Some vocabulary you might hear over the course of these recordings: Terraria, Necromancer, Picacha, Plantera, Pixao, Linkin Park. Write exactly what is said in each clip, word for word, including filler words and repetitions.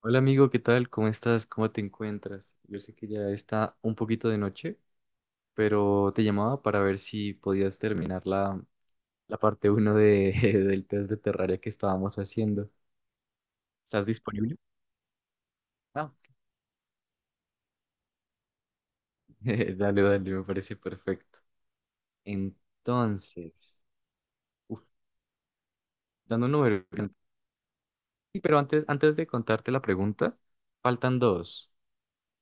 Hola amigo, ¿qué tal? ¿Cómo estás? ¿Cómo te encuentras? Yo sé que ya está un poquito de noche, pero te llamaba para ver si podías terminar la, la parte uno de, del test de Terraria que estábamos haciendo. ¿Estás disponible? Ah, dale, dale, me parece perfecto. Entonces, uf, dando un número. Sí, Pero antes, antes de contarte la pregunta, faltan dos.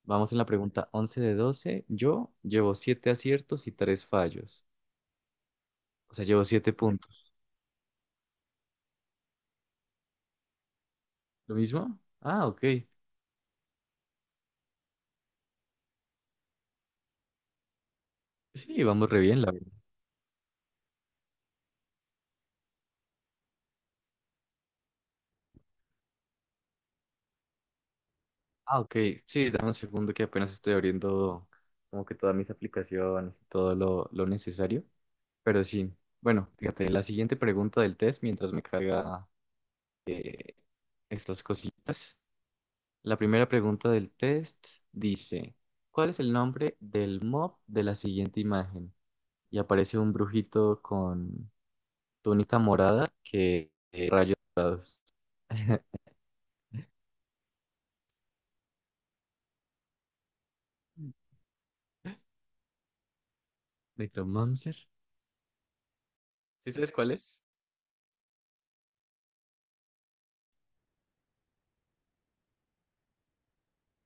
Vamos en la pregunta once de doce. Yo llevo siete aciertos y tres fallos. O sea, llevo siete puntos. ¿Lo mismo? Ah, ok. Sí, vamos re bien, la verdad. Ah, ok. Sí, dame un segundo que apenas estoy abriendo como que todas mis aplicaciones y todo lo, lo necesario. Pero sí, bueno, fíjate, la siguiente pregunta del test mientras me carga estas cositas. La primera pregunta del test dice, ¿cuál es el nombre del mob de la siguiente imagen? Y aparece un brujito con túnica morada que... ¿Necromancer? ¿Sí sabes cuál es?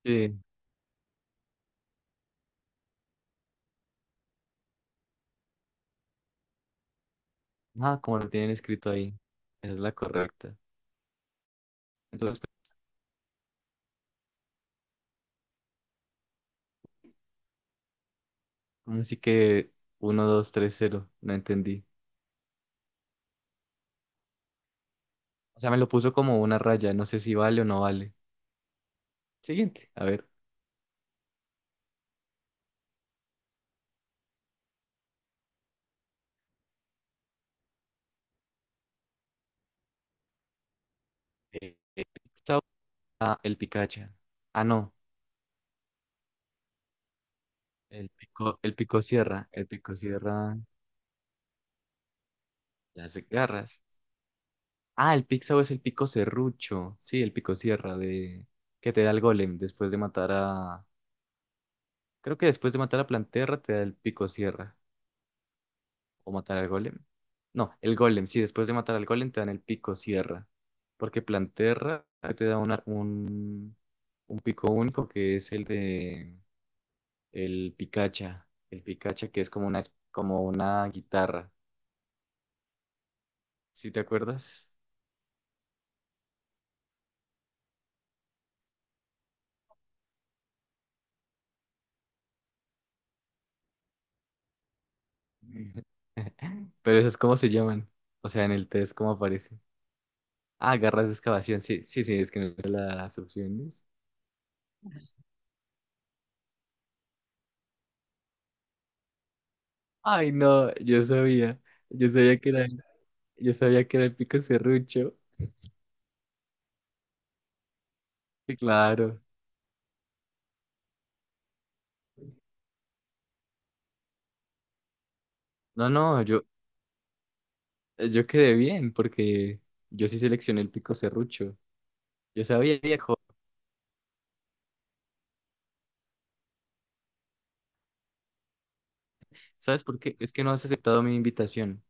Sí. Ah, como lo tienen escrito ahí. Esa es la correcta. Entonces, pues, así que uno dos tres cero, No entendí. O sea, me lo puso como una raya. No sé si vale o no vale. Siguiente. A ver. Eh, Esta ah, el Picacha. Ah, no. El pico, el pico Sierra, El pico Sierra, las garras. Ah, el Pixao es el pico serrucho. Sí, el pico Sierra de que te da el golem después de matar a. Creo que después de matar a Planterra te da el pico Sierra. ¿O matar al golem? No, el golem. Sí, después de matar al golem te dan el pico sierra. Porque Planterra te da una- un, un pico único que es el de el Picacha. El Picacha que es como una, es- como una guitarra. ¿Sí te acuerdas? Pero eso es como se llaman. O sea, en el test, ¿cómo aparece? Ah, garras de excavación. Sí, sí, sí, es que no sé las opciones. Ay, no, yo sabía. Yo sabía que era, el- yo sabía que era el pico serrucho. Sí, claro. No, no, yo, eh, yo quedé bien porque yo sí seleccioné el pico serrucho. Yo sabía, viejo. ¿Sabes por qué? Es que no has aceptado mi invitación.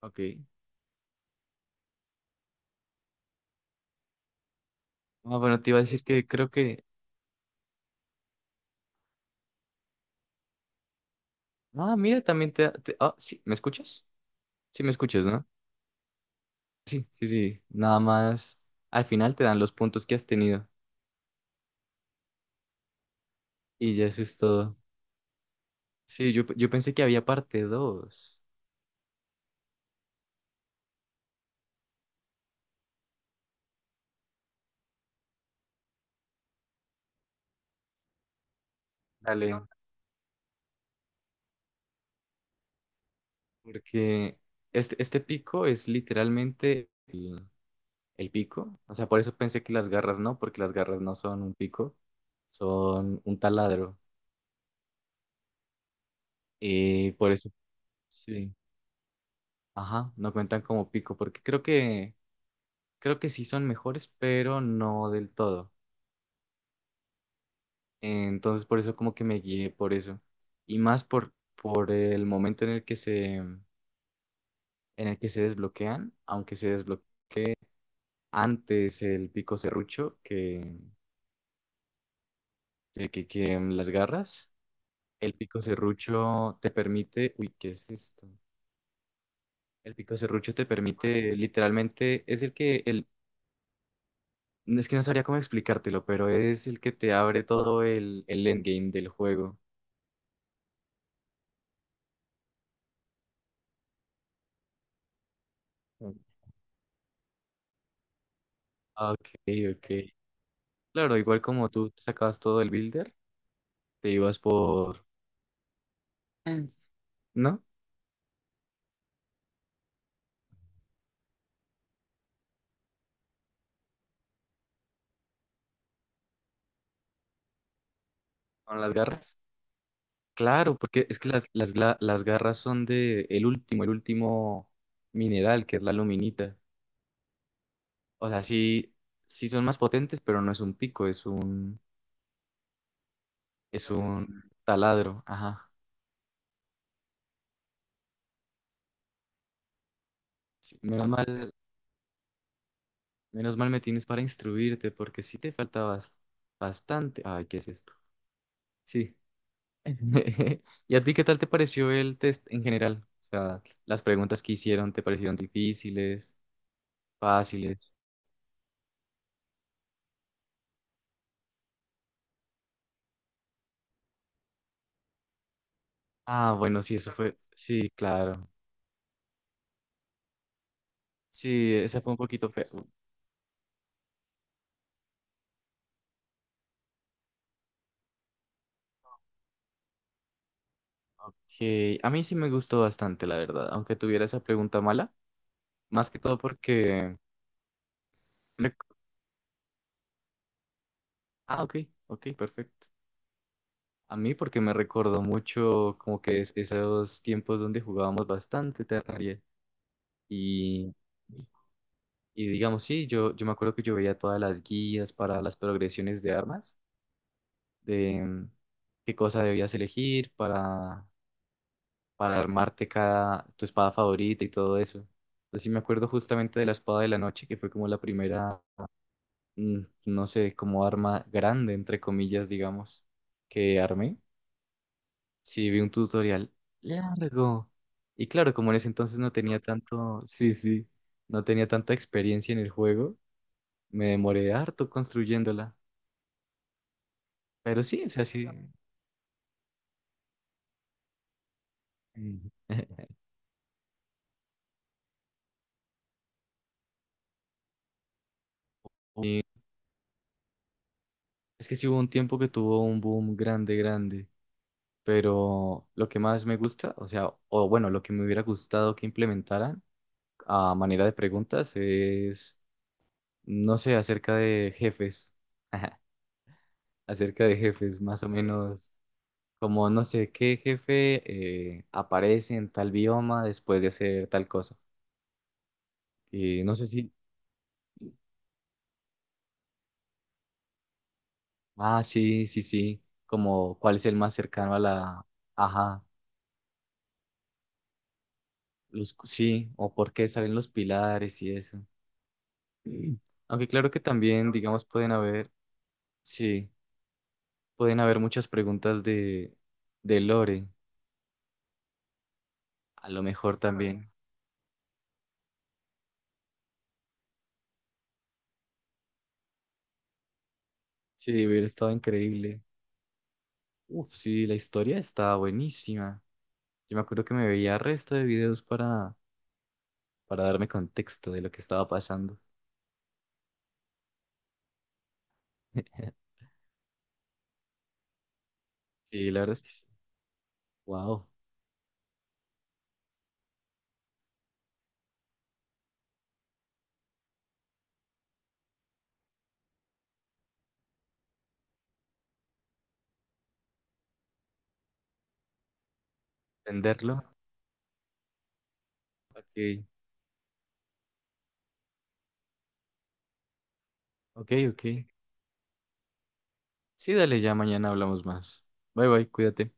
Ok. Ah, bueno, te iba a decir que creo que... Ah, mira, también te... te- Ah, sí, ¿me escuchas? Sí, me escuchas, ¿no? Sí, sí, sí. Nada más. Al final te dan los puntos que has tenido. Y ya eso es todo. Sí, yo, yo pensé que había parte dos. Dale. Porque este, este pico es literalmente... el pico. O sea, por eso pensé que las garras no, porque las garras no son un pico, son un taladro. Y por eso, sí, ajá, no cuentan como pico, porque creo que, creo que sí son mejores, pero no del todo. Entonces, por eso como que me guié por eso. Y más por, por el momento en el que se, en el que se desbloquean, aunque se desbloquea antes el pico serrucho que, que, que que las garras. El pico serrucho te permite, uy, ¿qué es esto? El pico serrucho te permite, literalmente, es el que, el, no, es que no sabría cómo explicártelo, pero es el que te abre todo el, el endgame del juego. Mm. Ah, ok, ok. Claro, igual como tú te sacabas todo el builder, te ibas por... Mm. ¿No? Con las garras. Claro, porque es que las, las, gla- las garras son de el último, el último mineral, que es la luminita. O sea, sí, sí son más potentes, pero no es un pico, es un, es un taladro. Ajá. Sí, menos mal, Menos mal me tienes para instruirte, porque sí te faltabas bastante. Ay, ¿qué es esto? Sí. ¿Y a ti qué tal te pareció el test en general? O sea, las preguntas que hicieron, ¿te parecieron difíciles, fáciles? Ah, bueno, sí, eso fue. Sí, claro. Sí, esa fue un poquito fea. Que a mí sí me gustó bastante, la verdad, aunque tuviera esa pregunta mala, más que todo porque... rec- Ah, ok, ok, perfecto. A mí porque me recordó mucho como que es- esos tiempos donde jugábamos bastante Terraria y, y digamos, sí, yo, yo me acuerdo que yo veía todas las guías para las progresiones de armas, de mm, qué cosa debías elegir para, para armarte cada, tu espada favorita y todo eso. Entonces sí me acuerdo justamente de la espada de la noche, que fue como la primera, mm, no sé, como arma grande, entre comillas, digamos, que armé. Sí, vi un tutorial largo. Y claro, como en ese entonces no tenía tanto, sí, sí, no tenía tanta experiencia en el juego, me demoré harto construyéndola. Pero sí, o sea, sí. Ujú. Es que sí hubo un tiempo que tuvo un boom grande, grande. Pero lo que más me gusta, o sea, o bueno, lo que me hubiera gustado que implementaran a manera de preguntas es, no sé, acerca de jefes. Acerca de jefes, más o menos. Como no sé qué jefe eh, aparece en tal bioma después de hacer tal cosa. Y no sé si. Ah, sí, sí, sí. Como cuál es el más cercano a la. Ajá. Los... Sí, o por qué salen los pilares y eso. Mm. Aunque claro que también, digamos, pueden haber. Sí, pueden haber muchas preguntas de, de Lore. A lo mejor también. Sí, hubiera estado increíble. Uf, sí, la historia está buenísima. Yo me acuerdo que me veía resto de videos para para darme contexto de lo que estaba pasando. Sí, la verdad es que sí. Wow, entenderlo. Ok, ok, ok. Sí, dale, ya mañana hablamos más. Bye, bye, cuídate.